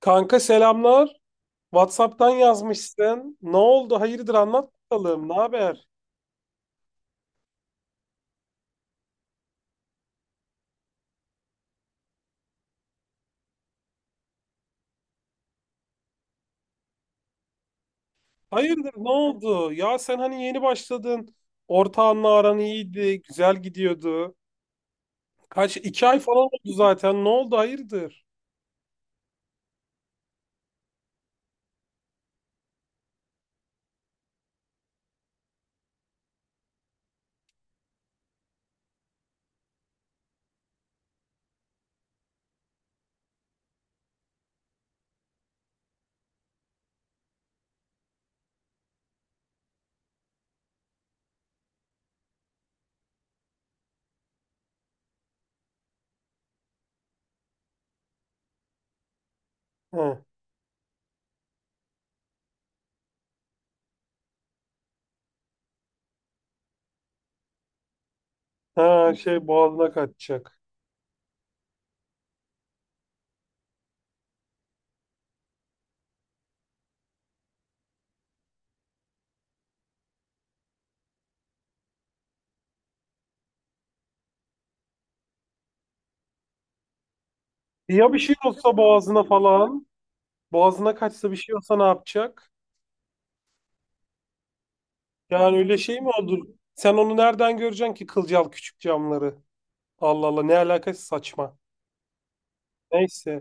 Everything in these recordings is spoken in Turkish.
Kanka selamlar. WhatsApp'tan yazmışsın. Ne oldu? Hayırdır, anlat bakalım. Ne haber? Hayırdır, ne oldu? Ya sen hani yeni başladın. Ortağınla aran iyiydi. Güzel gidiyordu. Kaç? 2 ay falan oldu zaten. Ne oldu? Hayırdır? Hı. Ha, şey, boğazına kaçacak. Ya bir şey olsa boğazına falan. Boğazına kaçsa bir şey olsa ne yapacak? Yani öyle şey mi olur? Sen onu nereden göreceksin ki, kılcal küçük camları? Allah Allah, ne alakası, saçma. Neyse.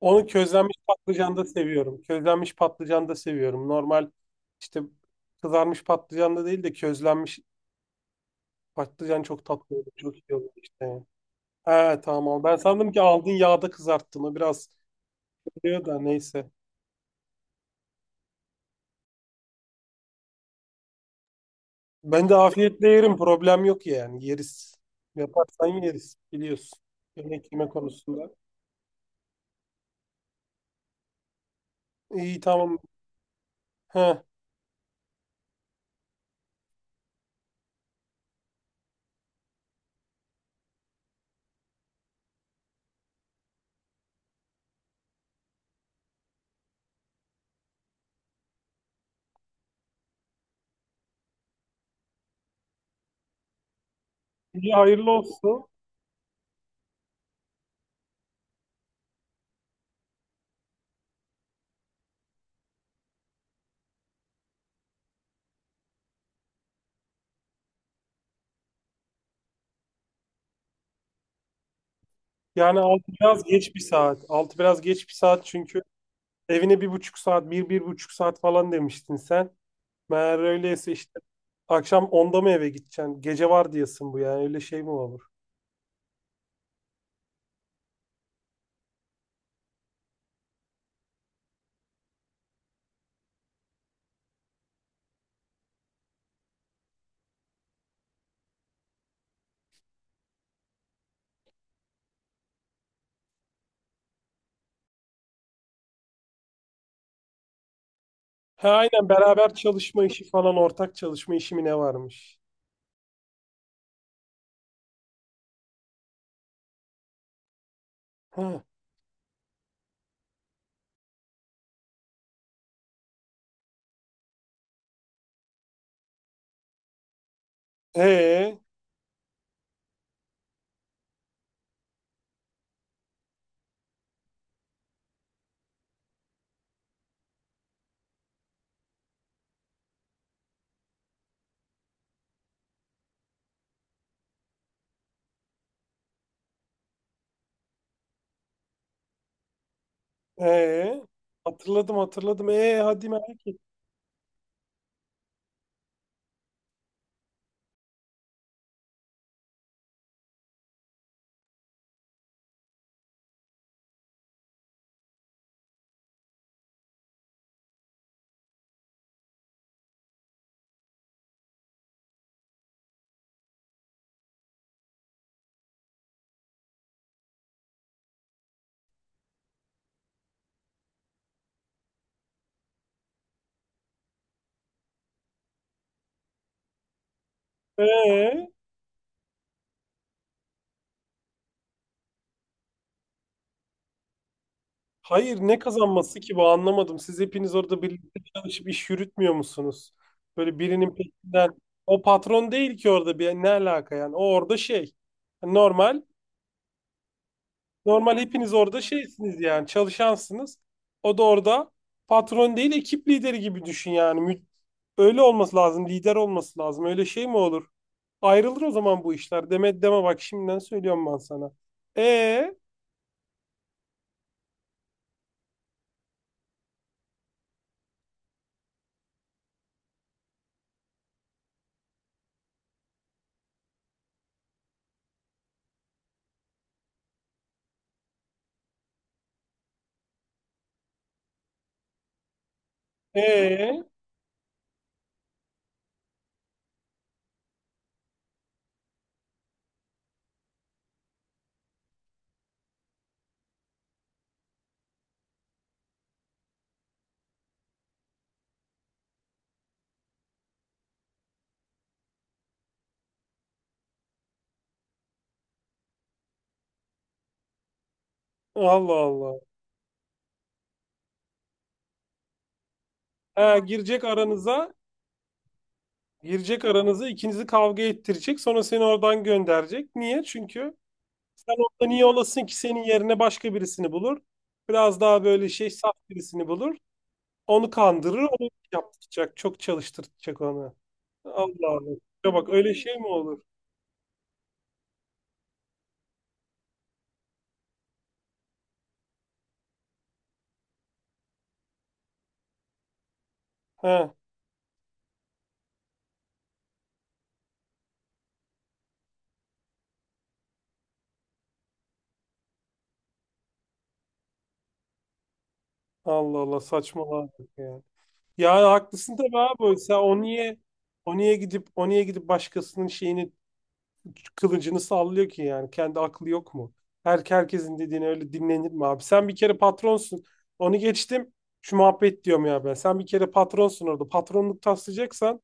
Onu közlenmiş patlıcan da seviyorum. Közlenmiş patlıcan da seviyorum. Normal işte, kızarmış patlıcan da değil de közlenmiş patlıcan çok tatlı oluyor. Çok iyi oluyor işte. He, tamam. Ben sandım ki aldın yağda kızarttın. O biraz diyor da neyse. Ben de afiyetle yerim. Problem yok yani. Yeriz. Yaparsan yeriz. Biliyorsun. Yemek yeme konusunda. İyi, tamam. He. İyi, hayırlı olsun. Yani 6 biraz geç bir saat. 6 biraz geç bir saat, çünkü evine bir buçuk saat, bir, 1,5 saat falan demiştin sen. Meğer öyleyse işte akşam 10'da mı eve gideceksin? Gece var diyesin bu yani, öyle şey mi olur? Ha, aynen, beraber çalışma işi falan, ortak çalışma işi mi ne varmış? Ha. E e, hatırladım hatırladım. E, hadi merak et. E, hayır, ne kazanması ki bu, anlamadım. Siz hepiniz orada birlikte çalışıp iş yürütmüyor musunuz? Böyle birinin peşinden, o patron değil ki orada, bir ne alaka yani, o orada şey, normal. Normal, hepiniz orada şeysiniz yani, çalışansınız. O da orada patron değil, ekip lideri gibi düşün yani. Öyle olması lazım. Lider olması lazım. Öyle şey mi olur? Ayrılır o zaman bu işler. Deme deme, bak şimdiden söylüyorum ben sana. E e, Allah Allah. Ha, girecek aranıza ikinizi kavga ettirecek. Sonra seni oradan gönderecek. Niye? Çünkü sen orada niye olasın ki, senin yerine başka birisini bulur. Biraz daha böyle şey, saf birisini bulur. Onu kandırır, onu yaptıracak. Çok çalıştıracak onu. Allah Allah. Ya bak, öyle şey mi olur? He. Allah Allah, saçmaladık ya. Ya, haklısın tabii abi. Sen o niye gidip başkasının şeyini, kılıcını sallıyor ki yani? Kendi aklı yok mu? Herkesin dediğini öyle dinlenir mi abi? Sen bir kere patronsun. Onu geçtim. Şu muhabbet diyorum ya ben. Sen bir kere patronsun orada. Patronluk taslayacaksan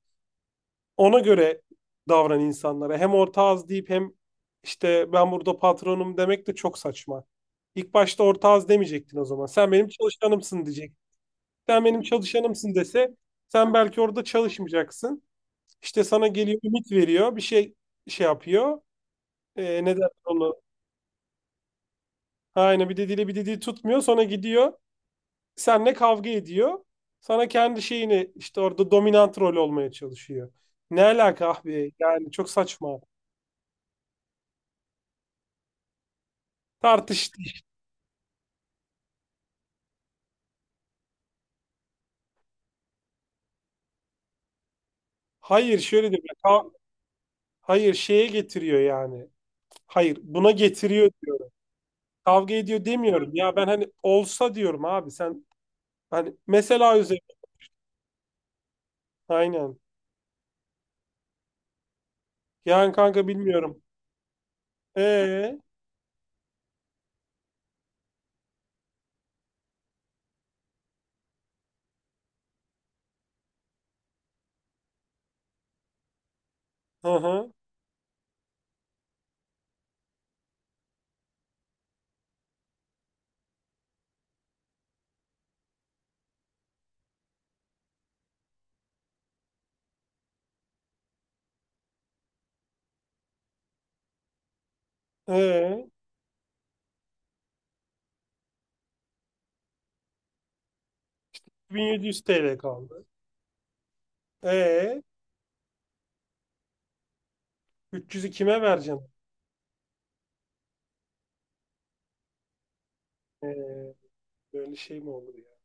ona göre davran insanlara. Hem orta az deyip hem işte ben burada patronum demek de çok saçma. İlk başta orta az demeyecektin o zaman. Sen benim çalışanımsın diyecek. Sen benim çalışanımsın dese, sen belki orada çalışmayacaksın. İşte sana geliyor, ümit veriyor. Bir şey yapıyor. Ne derler onu? Aynen, bir dediğiyle bir dediği tutmuyor. Sonra gidiyor. Seninle kavga ediyor. Sana kendi şeyini, işte orada dominant rol olmaya çalışıyor. Ne alaka abi? Yani çok saçma. Tartış Hayır, şöyle diyor. Hayır, şeye getiriyor yani. Hayır, buna getiriyor diyorum. Kavga ediyor demiyorum. Ya ben hani olsa diyorum abi sen, hani mesela üzerine, aynen. Yani kanka bilmiyorum. Ee. Hı hı. E, 1700 TL kaldı. E, 300'ü kime vereceksin? E, böyle şey mi olur ya?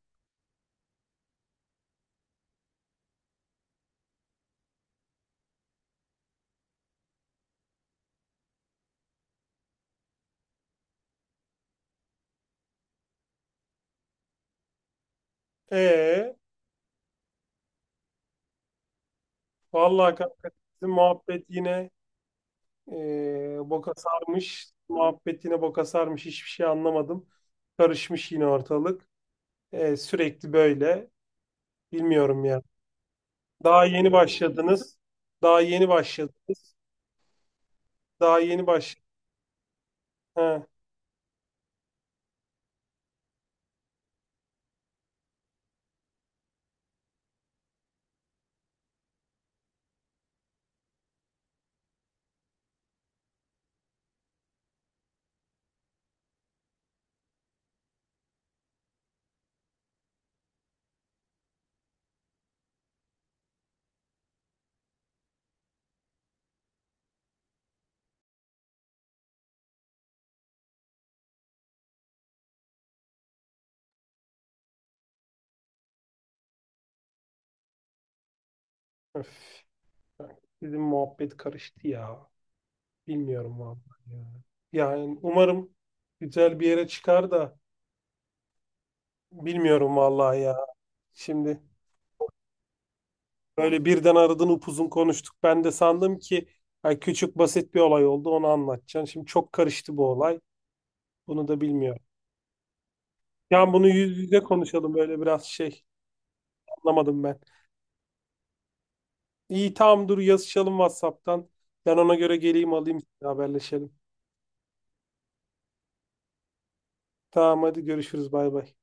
Ee. Vallahi kanka bizim muhabbet yine boka sarmış. Muhabbet yine boka sarmış. Hiçbir şey anlamadım. Karışmış yine ortalık. E, sürekli böyle. Bilmiyorum ya. Daha yeni başladınız. Daha yeni başladınız. Daha yeni baş. Ha. Öf. Bizim muhabbet karıştı ya. Bilmiyorum vallahi ya. Yani umarım güzel bir yere çıkar da, bilmiyorum vallahi ya. Şimdi böyle birden aradın, upuzun konuştuk. Ben de sandım ki ay, küçük basit bir olay oldu, onu anlatacaksın. Şimdi çok karıştı bu olay. Bunu da bilmiyorum. Yani bunu yüz yüze konuşalım, böyle biraz şey, anlamadım ben. İyi, tamam, dur yazışalım WhatsApp'tan. Ben ona göre geleyim alayım, haberleşelim. Tamam, hadi görüşürüz, bay bay.